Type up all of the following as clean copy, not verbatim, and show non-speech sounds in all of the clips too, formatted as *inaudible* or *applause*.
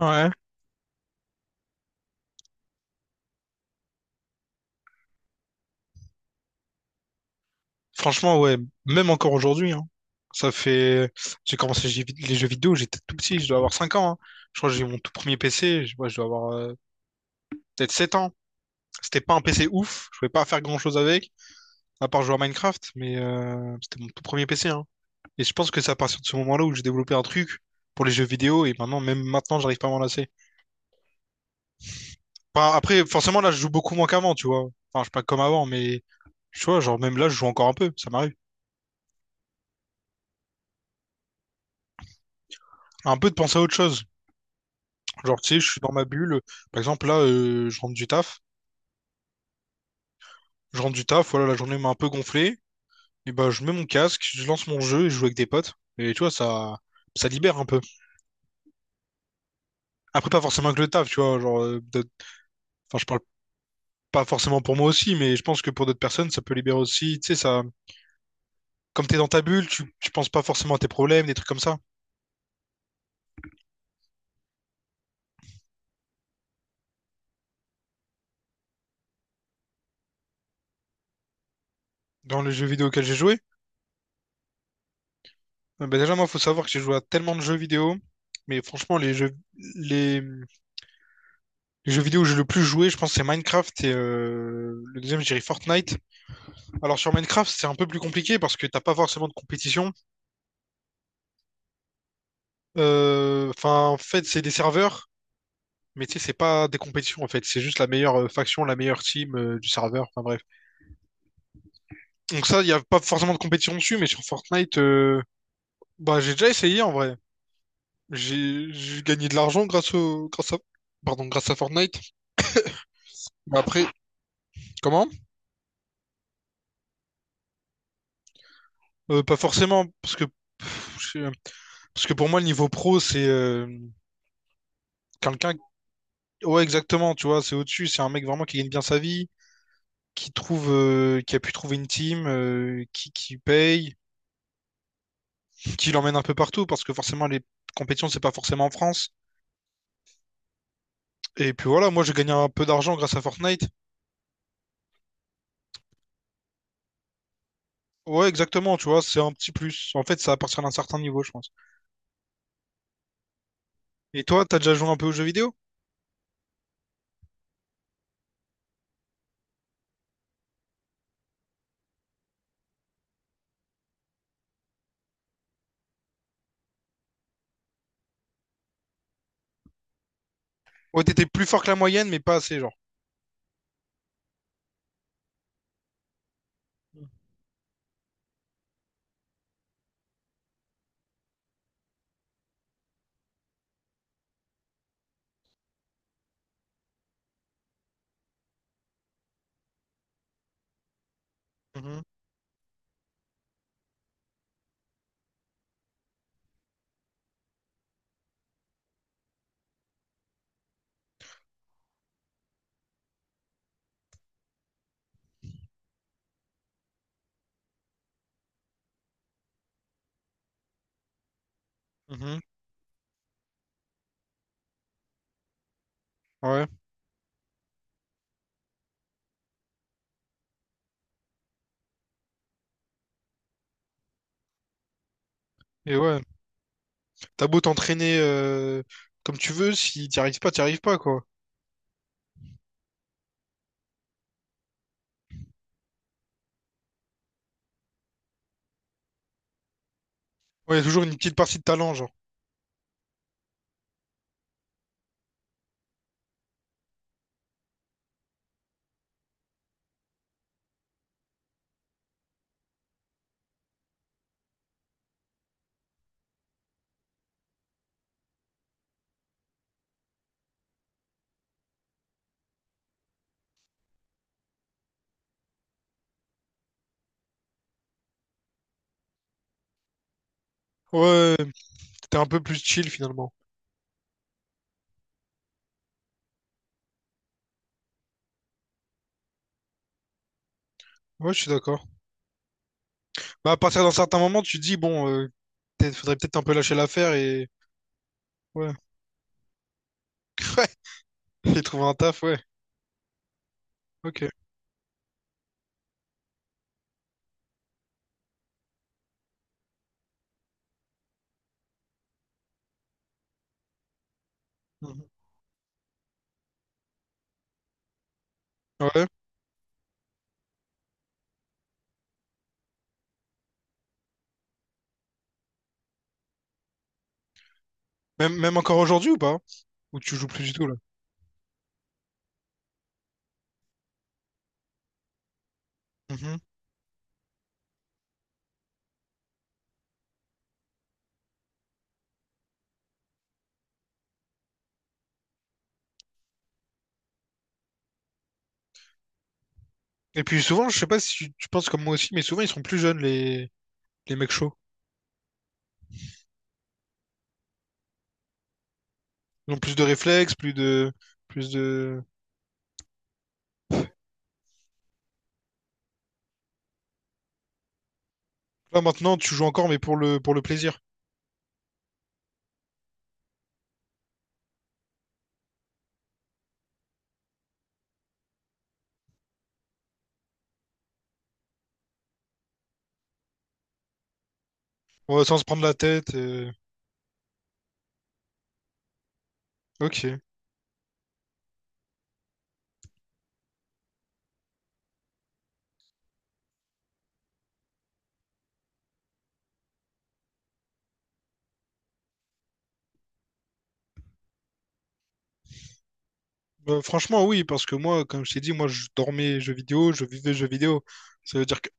Ouais, franchement, ouais, même encore aujourd'hui, hein. Ça fait. J'ai commencé les les jeux vidéo, j'étais tout petit, je dois avoir 5 ans. Hein. Je crois que j'ai eu mon tout premier PC, je dois avoir peut-être 7 ans. C'était pas un PC ouf, je pouvais pas faire grand-chose avec, à part jouer à Minecraft, mais c'était mon tout premier PC. Hein. Et je pense que c'est à partir de ce moment-là où j'ai développé un truc pour les jeux vidéo, et maintenant, même maintenant, j'arrive pas à m'en lasser. Enfin, après, forcément, là, je joue beaucoup moins qu'avant, tu vois. Enfin, je suis pas comme avant, mais tu vois, genre, même là, je joue encore un peu, ça m'arrive. Un peu de penser à autre chose. Genre, tu sais, je suis dans ma bulle. Par exemple, là, je rentre du taf. Je rentre du taf, voilà, la journée m'a un peu gonflé. Et bah, je mets mon casque, je lance mon jeu et je joue avec des potes. Et tu vois, ça libère un peu. Après, pas forcément que le taf, tu vois. Genre, enfin, je parle pas forcément pour moi aussi, mais je pense que pour d'autres personnes, ça peut libérer aussi. Tu sais, ça, comme t'es dans ta bulle, tu penses pas forcément à tes problèmes, des trucs comme ça. Dans les jeux vidéo auxquels j'ai joué, bah déjà, moi, faut savoir que j'ai joué à tellement de jeux vidéo. Mais franchement, les jeux vidéo où j'ai le plus joué, je pense, c'est Minecraft et le deuxième, je dirais Fortnite. Alors, sur Minecraft, c'est un peu plus compliqué parce que t'as pas forcément de compétition. Enfin, en fait, c'est des serveurs, mais tu sais, c'est pas des compétitions, en fait. C'est juste la meilleure faction, la meilleure team du serveur. Enfin, bref. Donc, ça, il y a pas forcément de compétition dessus, mais sur Fortnite, bah, j'ai déjà essayé en vrai. J'ai gagné de l'argent grâce au, grâce à, pardon, grâce à Fortnite. Bah, après, comment? Pas forcément, parce que pff, je sais- parce que pour moi, le niveau pro, c'est quelqu'un. Ouais, exactement, tu vois, c'est au-dessus. C'est un mec vraiment qui gagne bien sa vie, qui trouve, qui a pu trouver une team, qui paye, qui l'emmène un peu partout, parce que forcément, les compétitions, c'est pas forcément en France. Et puis voilà, moi, j'ai gagné un peu d'argent grâce à Fortnite. Ouais, exactement, tu vois, c'est un petit plus. En fait, ça à partir d'un certain niveau, je pense. Et toi, t'as déjà joué un peu aux jeux vidéo? Ouais, t'étais plus fort que la moyenne, mais pas assez, genre. Mm. Mhm, mhm. Ouais, et ouais, t'as beau t'entraîner comme tu veux, si t'y arrives pas, t'y arrives pas, quoi. Ouais, y a toujours une petite partie de talent, genre. Ouais. T'es un peu plus chill finalement. Ouais, je suis d'accord. Bah, à partir d'un certain moment, tu te dis, bon, faudrait peut-être un peu lâcher l'affaire et. Ouais. *laughs* Ouais. Et trouver un taf, ouais. Ok. Mhm. Ouais. Même encore aujourd'hui ou pas? Ou tu joues plus du tout là? Mhm. Et puis souvent, je sais pas si tu penses comme moi aussi, mais souvent ils sont plus jeunes, les mecs chauds. Ils ont plus de réflexes, plus de. Plus de. Là maintenant, tu joues encore, mais pour le plaisir. Ouais, sans se prendre la tête. Ok. Franchement, oui, parce que moi, comme je t'ai dit, moi, je dormais jeux vidéo, je vivais jeux vidéo. Ça veut dire que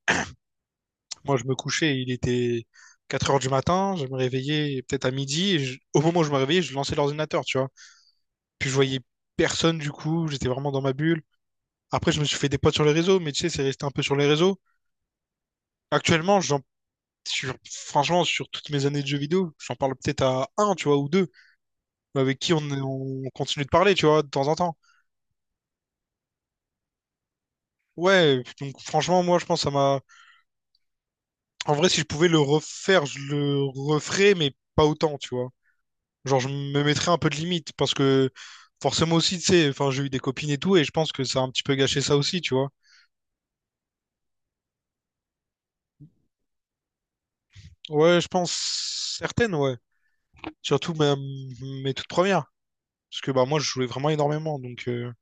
moi, je me couchais, il était 4 heures du matin, je me réveillais peut-être à midi, et au moment où je me réveillais, je lançais l'ordinateur, tu vois. Puis je voyais personne, du coup, j'étais vraiment dans ma bulle. Après, je me suis fait des potes sur les réseaux, mais tu sais, c'est resté un peu sur les réseaux. Actuellement, franchement, sur toutes mes années de jeux vidéo, j'en parle peut-être à un, tu vois, ou deux, mais avec qui on continue de parler, tu vois, de temps en temps. Ouais, donc franchement, moi, je pense que ça m'a. En vrai, si je pouvais le refaire, je le referais, mais pas autant, tu vois. Genre, je me mettrais un peu de limite parce que forcément aussi, tu sais, enfin, j'ai eu des copines et tout, et je pense que ça a un petit peu gâché ça aussi, tu vois. Ouais, je pense certaines, ouais. Surtout mes toutes premières. Parce que bah moi, je jouais vraiment énormément, donc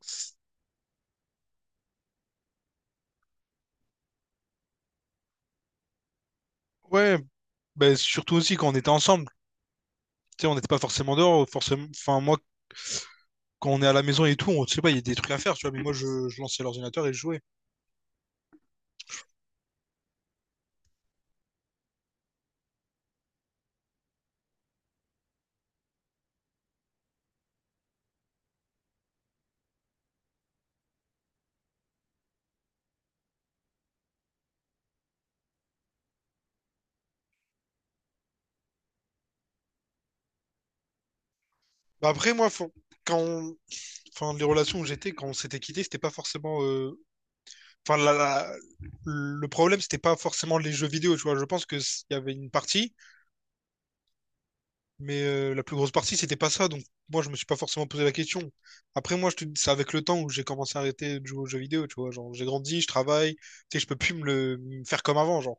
c'est- ouais, bah, surtout aussi quand on était ensemble. Tu sais, on n'était pas forcément dehors, forcément. Enfin, moi, quand on est à la maison et tout, on sait pas, il y a des trucs à faire, tu vois. Mais moi, je lançais l'ordinateur et je jouais. Bah, après, moi, quand enfin, les relations où j'étais quand on s'était quitté, c'était pas forcément. Enfin, le problème, c'était pas forcément les jeux vidéo, tu vois. Je pense qu'il y avait une partie, mais la plus grosse partie, c'était pas ça. Donc, moi, je me suis pas forcément posé la question. Après, moi, je te dis, c'est avec le temps où j'ai commencé à arrêter de jouer aux jeux vidéo, tu vois. Genre, j'ai grandi, je travaille, tu sais, je peux plus me le me faire comme avant, genre.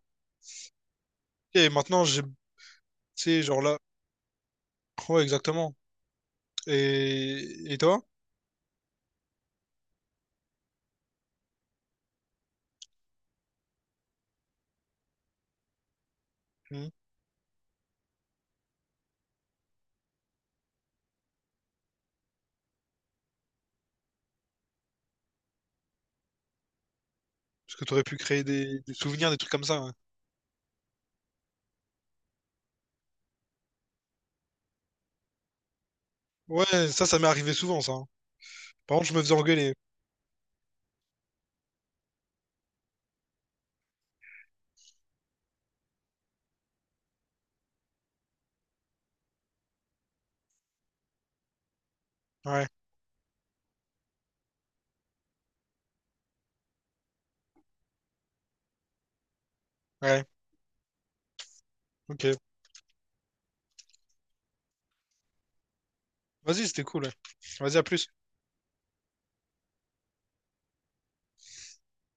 Ok, et maintenant, j'ai, tu sais, genre là. Ouais, exactement. Et toi? Hmm. Parce que t'aurais pu créer des souvenirs, des trucs comme ça. Ouais, ouais, ça m'est arrivé souvent, ça. Hein. Par contre, je me faisais engueuler. Ouais, ouais, ok. Vas-y, c'était cool. Ouais. Vas-y, à plus.